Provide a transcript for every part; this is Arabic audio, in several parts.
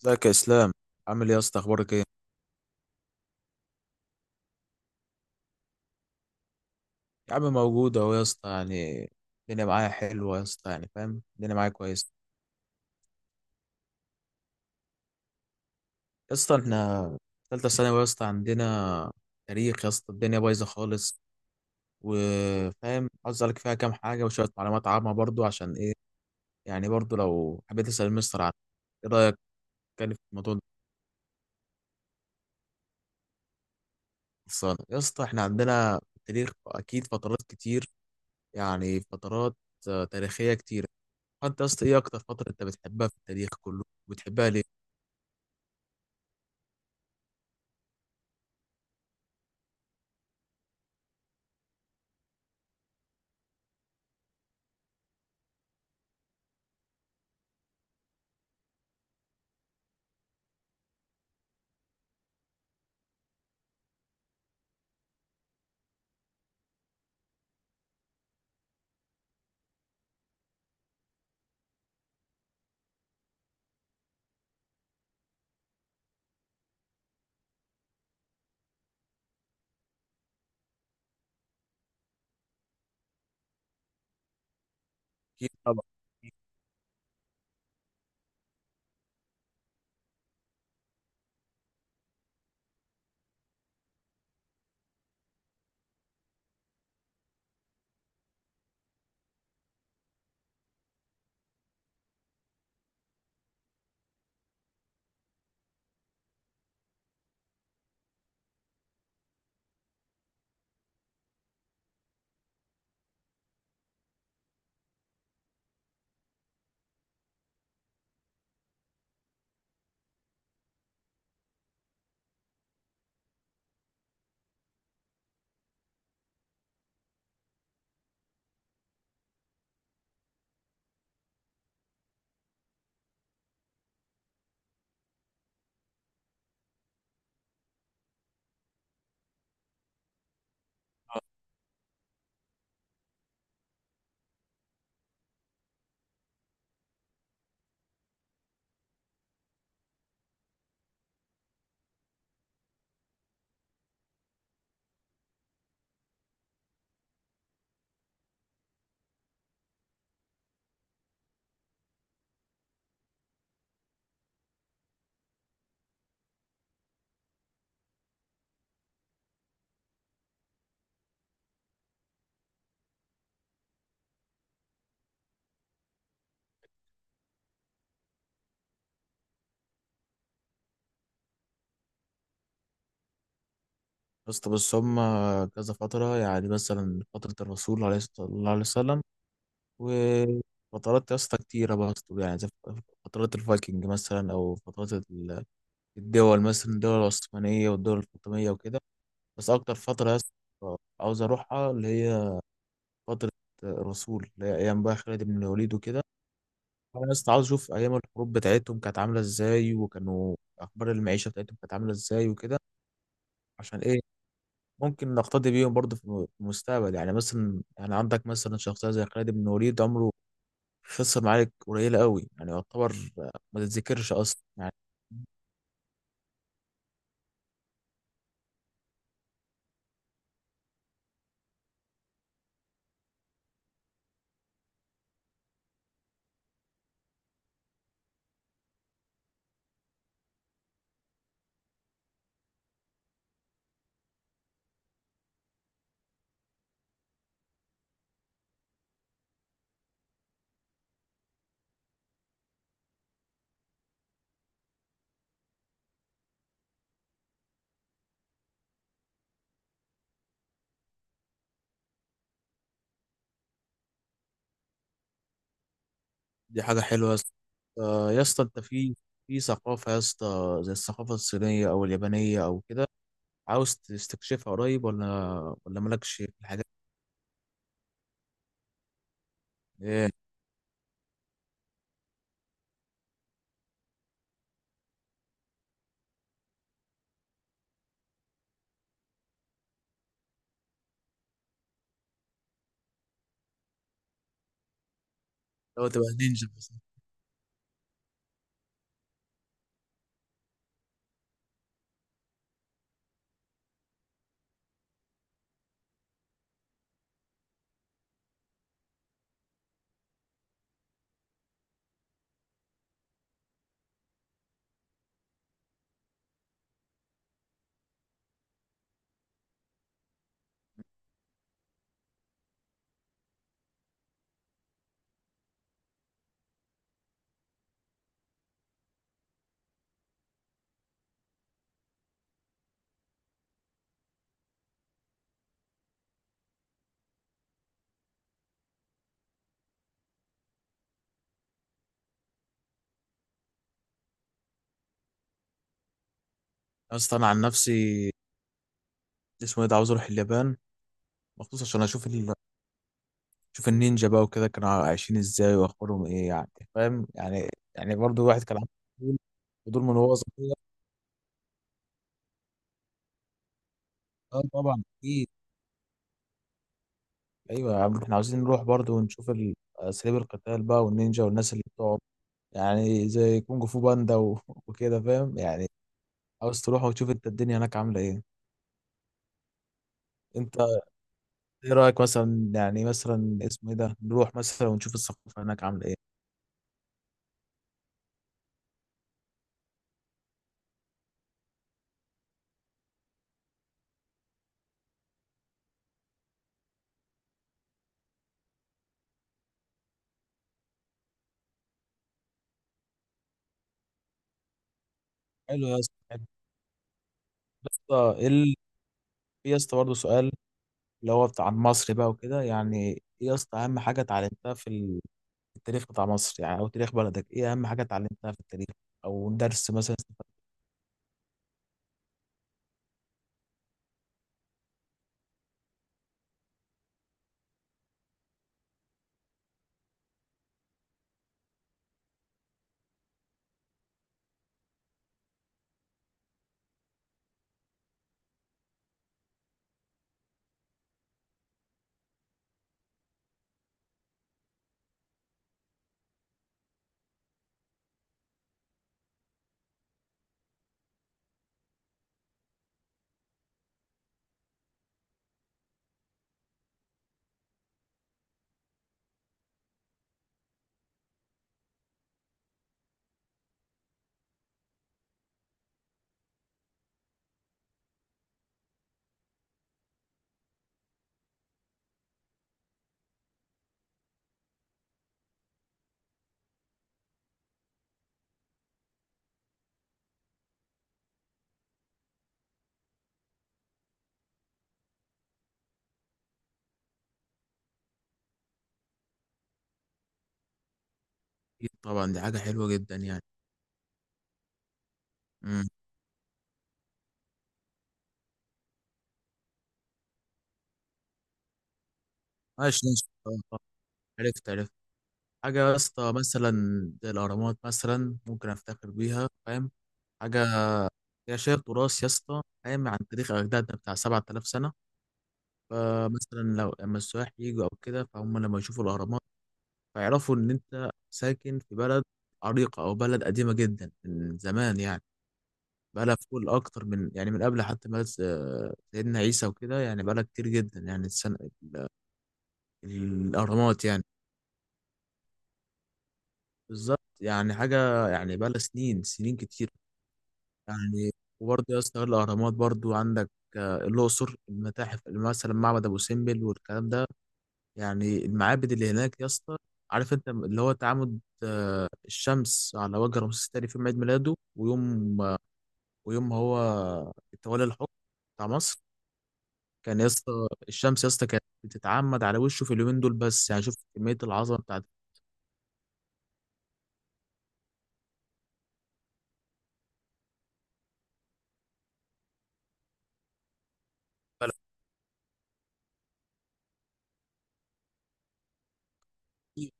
ازيك يا اسلام؟ عامل ايه يا اسطى؟ اخبارك ايه؟ يا عم موجود اهو يا اسطى يعني. الدنيا معايا حلوه يا اسطى يعني، فاهم، الدنيا معايا كويس. يا اسطى احنا ثالثه ثانوي يا اسطى، عندنا تاريخ يا اسطى الدنيا بايظه خالص. وفاهم عاوز اسالك فيها كام حاجه وشويه معلومات عامه برضو، عشان ايه؟ يعني برضو لو حبيت اسال المستر عن، ايه رايك؟ كان في الموضوع ده خلصانه يا اسطى، احنا عندنا في التاريخ اكيد فترات كتير، يعني فترات تاريخيه كتير. انت يا اسطى ايه اكتر فتره انت بتحبها في التاريخ كله؟ بتحبها ليه؟ اكيد طبعا. يا اسطى بص هم كذا فتره، يعني مثلا فتره الرسول عليه الصلاه الله عليه وسلم، وفترات يا اسطى كتيره برضه، يعني زي فترات الفايكنج مثلا او فترات الدول، مثلا الدول العثمانيه والدول الفاطميه وكده. بس اكتر فتره يا اسطى عاوز اروحها اللي هي فتره الرسول، اللي هي ايام بقى خالد بن الوليد وكده. انا بس عاوز اشوف ايام الحروب بتاعتهم كانت عامله ازاي، وكانوا اخبار المعيشه بتاعتهم كانت عامله ازاي وكده، عشان ايه؟ ممكن نقتدي بيهم برضه في المستقبل، يعني مثلا، يعني عندك مثلا شخصيه زي خالد بن وليد عمره خسر معارك قليله قوي، يعني يعتبر ما تتذكرش اصلا يعني. دي حاجه حلوه يا اسطى. يا اسطى انت في ثقافه يا اسطى زي الثقافه الصينيه او اليابانيه او كده، عاوز تستكشفها قريب ولا مالكش في الحاجات دي؟ ايه. لو تبقى نينجا بس. يا اسطى انا عن نفسي اسمه ايه ده، عاوز اروح اليابان مخصوص عشان اشوف اشوف النينجا بقى وكده، كانوا عايشين ازاي واخبارهم ايه يعني، فاهم يعني. يعني برضو واحد كان عنده فضول فضول من وهو صغير. اه طبعا اكيد. ايوه يا عم، احنا عاوزين نروح برضو ونشوف اساليب القتال بقى والنينجا والناس اللي بتقعد، يعني زي كونج فو باندا وكده فاهم يعني. عاوز تروح وتشوف انت الدنيا هناك عامله ايه؟ انت ايه رايك مثلا يعني، مثلا اسمه ايه ده نروح مثلا ونشوف الثقافه هناك عامله ايه؟ حلو يا اسطى، يا اسطى ايه في يا اسطى برضه سؤال، اللي هو بتاع مصر بقى وكده، يعني ايه يا اسطى اهم حاجه اتعلمتها في التاريخ بتاع مصر، يعني او تاريخ بلدك ايه اهم حاجه اتعلمتها في التاريخ، او درس مثلا استفدت بيه؟ طبعا دي حاجه حلوه جدا يعني. امم. ماشي ماشي طبعاً، طبعاً. عرفت عرفت حاجه يا اسطى مثلا زي الاهرامات، مثلا ممكن افتخر بيها، فاهم. حاجه يا شايف تراث يا اسطى، فاهم، عن تاريخ اجدادنا بتاع 7000 سنه. فمثلا لو اما السياح يجوا او كده، فهم لما يشوفوا الاهرامات فيعرفوا ان انت ساكن في بلد عريقة، او بلد قديمة جدا من زمان يعني. بقالها في كل اكتر من، يعني من قبل حتى ما سيدنا عيسى وكده يعني، بقالها كتير جدا يعني السنة ال- الاهرامات يعني. بالظبط، يعني حاجة يعني بقالها سنين سنين كتير يعني. وبرضه يا اسطى غير الاهرامات، برضه عندك الاقصر، المتاحف مثلا، معبد ابو سمبل والكلام ده يعني، المعابد اللي هناك يا اسطى، عارف انت اللي هو تعامد الشمس على وجه رمسيس الثاني في يوم عيد ميلاده ويوم هو تولى الحكم بتاع مصر. كان يا اسطى، الشمس يا اسطى كانت بتتعمد على وشه في اليومين دول بس، يعني شوف كمية العظمة بتاعت البلد. اكيد.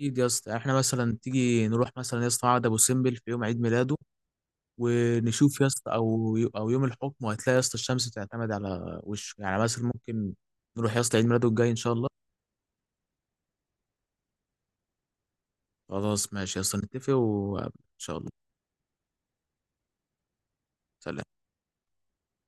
أكيد يا اسطى، يعني احنا مثلا تيجي نروح مثلا يا اسطى معبد ابو سمبل في يوم عيد ميلاده ونشوف يا اسطى، او يوم الحكم، وهتلاقي يا اسطى الشمس بتعتمد على وشه، يعني مثلا ممكن نروح يا اسطى عيد ميلاده الجاي ان شاء الله. خلاص ماشي، اصلا نتفق وان شاء الله. سلام.